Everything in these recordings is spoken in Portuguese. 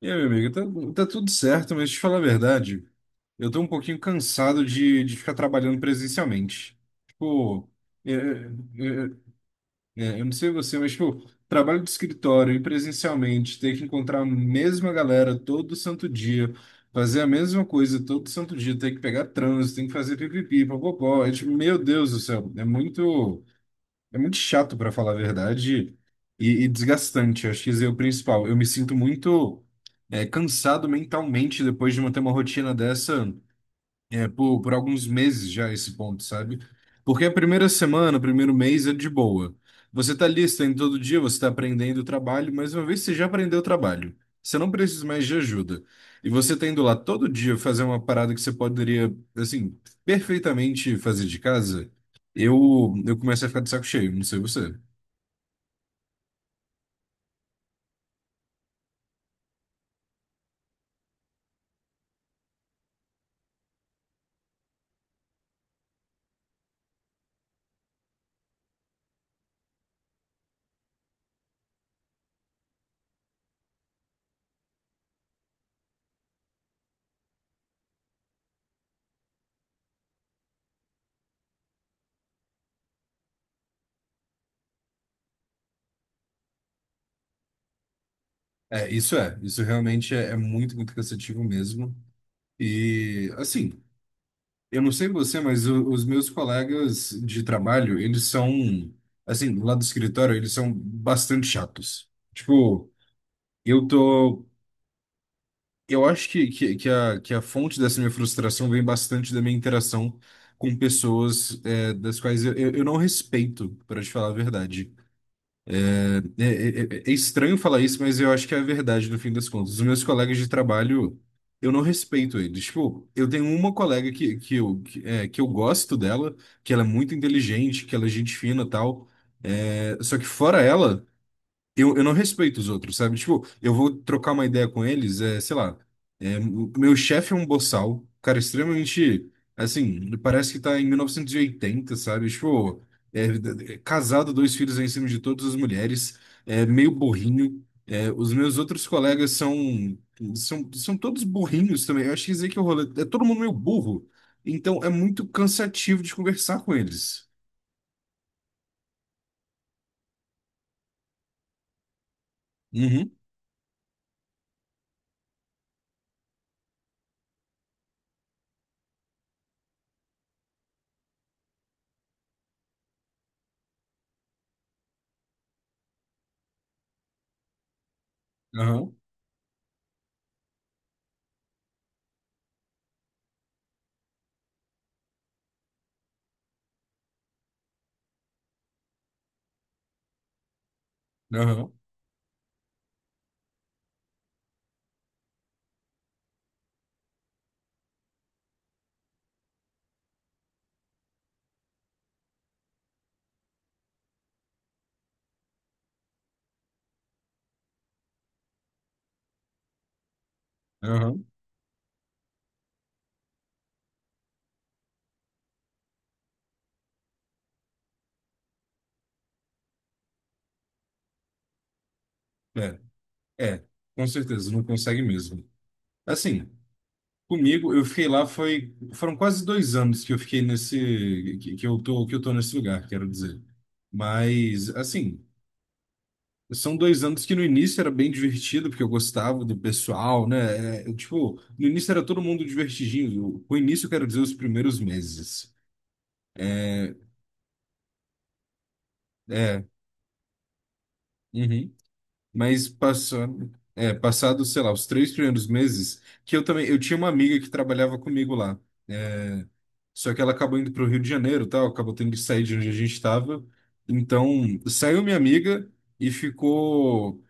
E aí, meu amigo, tá, tá tudo certo, mas deixa eu te falar a verdade, eu tô um pouquinho cansado de ficar trabalhando presencialmente. Tipo, é, é, eu não sei você, mas tipo, trabalho de escritório e presencialmente, ter que encontrar a mesma galera todo santo dia, fazer a mesma coisa todo santo dia, ter que pegar trânsito, tem que fazer pipipi, popopó, é tipo, meu Deus do céu, é muito. É muito chato, pra falar a verdade, e desgastante. Acho que esse é o principal. Eu me sinto muito cansado mentalmente depois de manter uma rotina dessa, por alguns meses já esse ponto, sabe? Porque a primeira semana, o primeiro mês é de boa. Você tá ali, você tá indo todo dia, você tá aprendendo o trabalho, mas uma vez que você já aprendeu o trabalho, você não precisa mais de ajuda. E você tá indo lá todo dia fazer uma parada que você poderia, assim, perfeitamente fazer de casa, eu começo a ficar de saco cheio, não sei você. Isso realmente é muito, muito cansativo mesmo. E, assim. Eu não sei você, mas os meus colegas de trabalho, eles são, assim, lá do escritório, eles são bastante chatos. Tipo, eu tô. Eu acho que a fonte dessa minha frustração vem bastante da minha interação com pessoas, das quais eu não respeito, para te falar a verdade. É, é- é estranho falar isso, mas eu acho que é a verdade no fim das contas. Os meus colegas de trabalho, eu não respeito eles. Tipo, eu tenho uma colega que eu gosto dela, que ela é muito inteligente, que ela é gente fina e tal. É, só que fora ela. Eu não respeito os outros, sabe? Tipo, eu vou trocar uma ideia com eles, sei lá. O meu chefe é um boçal, cara, extremamente. Assim, parece que tá em 1980, sabe? Tipo, é casado, dois filhos em cima de todas as mulheres, é meio burrinho. Os meus outros colegas são, todos burrinhos também. Eu acho que dizer que o rolê. É todo mundo meio burro. Então é muito cansativo de conversar com eles. Uhum, aham, aham, aham. É. É, com certeza, não consegue mesmo. Assim, comigo, eu fiquei lá, foram quase 2 anos que eu fiquei nesse, que eu tô nesse lugar, quero dizer. Mas, assim, são 2 anos que no início era bem divertido, porque eu gostava do pessoal, né? É, eu, tipo, no início era todo mundo divertidinho. Com o início, eu quero dizer, os primeiros meses. É, é, uhum. Mas passando, passado, sei lá, os 3 primeiros meses, que eu também, eu tinha uma amiga que trabalhava comigo lá. É, só que ela acabou indo para o Rio de Janeiro, e tal, acabou tendo que sair de onde a gente estava. Então, saiu minha amiga e ficou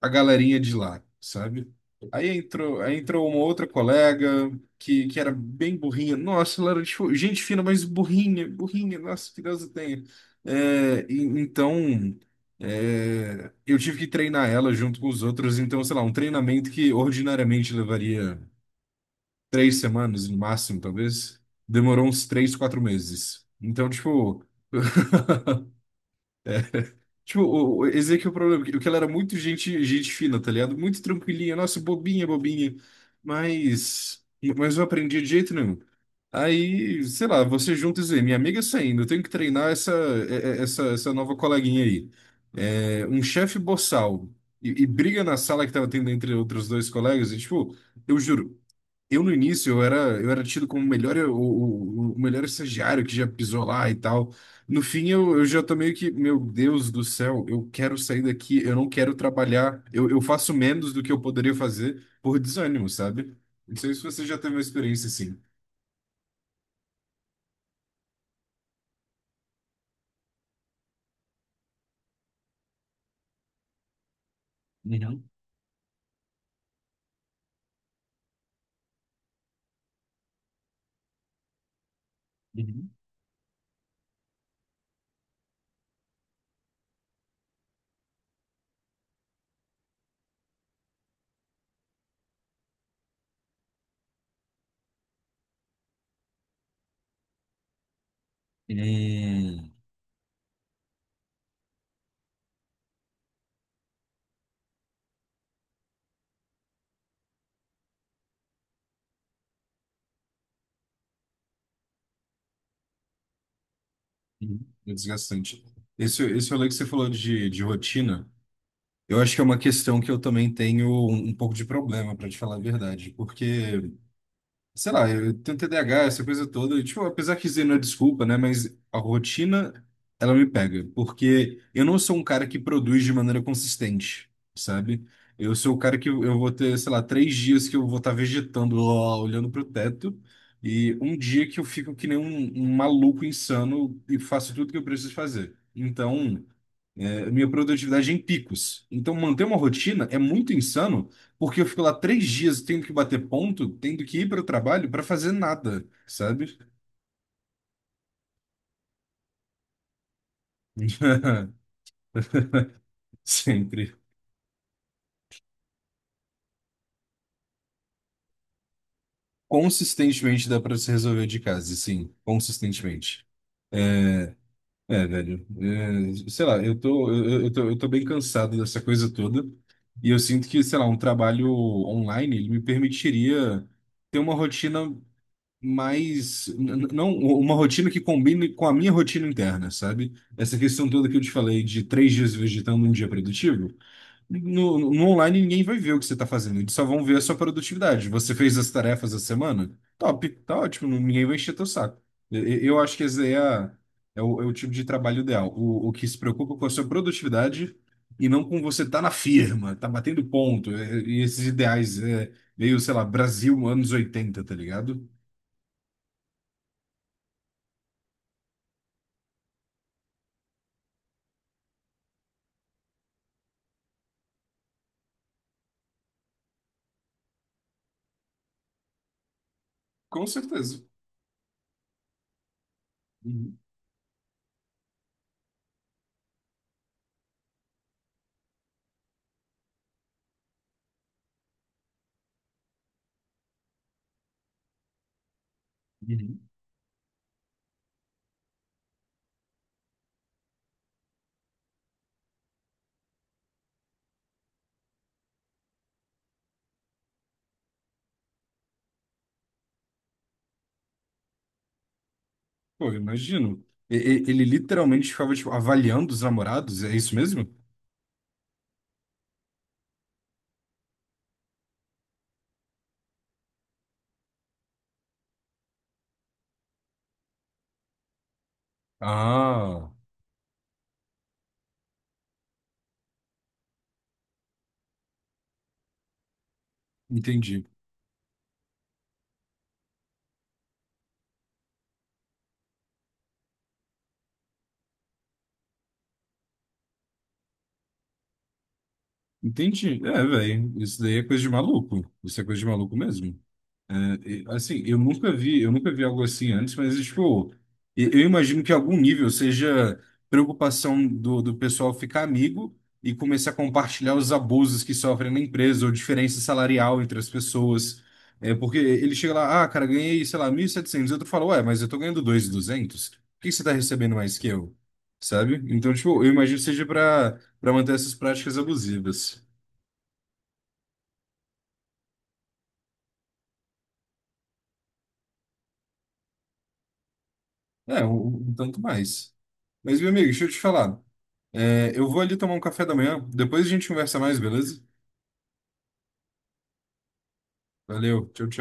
a galerinha de lá, sabe? Aí entrou uma outra colega que era bem burrinha. Nossa, ela era tipo, gente fina, mas burrinha, burrinha, nossa, que Deus a tenha. Então, eu tive que treinar ela junto com os outros. Então, sei lá, um treinamento que ordinariamente levaria 3 semanas, no máximo, talvez, demorou uns 3, 4 meses. Então, tipo. Tipo, esse aqui é o problema, que ela era muito gente, gente fina, tá ligado? Muito tranquilinha, nossa, bobinha, bobinha. Mas, mas eu aprendi de jeito nenhum. Aí, sei lá, você junta e diz, minha amiga tá saindo, eu tenho que treinar essa, essa nova coleguinha aí. É, um chefe boçal e briga na sala que tava tendo entre outros dois colegas, e tipo, eu juro. Eu no início eu era tido como o melhor, o melhor estagiário que já pisou lá e tal. No fim eu já tô meio que, meu Deus do céu, eu quero sair daqui, eu não quero trabalhar, eu faço menos do que eu poderia fazer por desânimo, sabe? Não sei se você já teve uma experiência assim. Uhum, uhum. É, uhum. É desgastante. Esse rolê que você falou de rotina, eu acho que é uma questão que eu também tenho um pouco de problema, para te falar a verdade, porque sei lá, eu tenho TDAH, essa coisa toda. E, tipo, apesar que isso não é desculpa, né? Mas a rotina, ela me pega. Porque eu não sou um cara que produz de maneira consistente, sabe? Eu sou o cara que eu vou ter, sei lá, 3 dias que eu vou estar vegetando lá, olhando pro teto. E um dia que eu fico que nem um maluco insano e faço tudo que eu preciso fazer. Então a minha produtividade é em picos. Então, manter uma rotina é muito insano, porque eu fico lá 3 dias tendo que bater ponto, tendo que ir para o trabalho para fazer nada, sabe? Sempre. Consistentemente dá para se resolver de casa, sim, consistentemente. É, velho. Sei lá, eu tô bem cansado dessa coisa toda. E eu sinto que, sei lá, um trabalho online, ele me permitiria ter uma rotina mas não uma rotina que combine com a minha rotina interna, sabe? Essa questão toda que eu te falei de 3 dias vegetando um dia produtivo, no online ninguém vai ver o que você está fazendo, eles só vão ver a sua produtividade. Você fez as tarefas da semana? Top, tá ótimo, ninguém vai encher teu saco. Eu acho que esse aí é, é o, tipo de trabalho ideal, o que se preocupa com a sua produtividade e não com você tá na firma, tá batendo ponto, e esses ideais, é, meio, sei lá, Brasil anos 80, tá ligado? Com certeza. Uhum, uhum. Pô, eu imagino. Ele literalmente ficava, tipo, avaliando os namorados, é isso mesmo? Ah, entendi. Entendi. É, velho, isso daí é coisa de maluco. Isso é coisa de maluco mesmo. É. E, assim, eu nunca vi algo assim antes, mas tipo, eu imagino que algum nível seja preocupação do pessoal ficar amigo e começar a compartilhar os abusos que sofrem na empresa ou diferença salarial entre as pessoas. É, porque ele chega lá, ah, cara, ganhei, sei lá, 1.700, outro fala, ué, mas eu tô ganhando 2.200, por que que você tá recebendo mais que eu? Sabe? Então, tipo, eu imagino que seja para manter essas práticas abusivas. É, um tanto mais. Mas, meu amigo, deixa eu te falar. É, eu vou ali tomar um café da manhã. Depois a gente conversa mais, beleza? Valeu, tchau, tchau.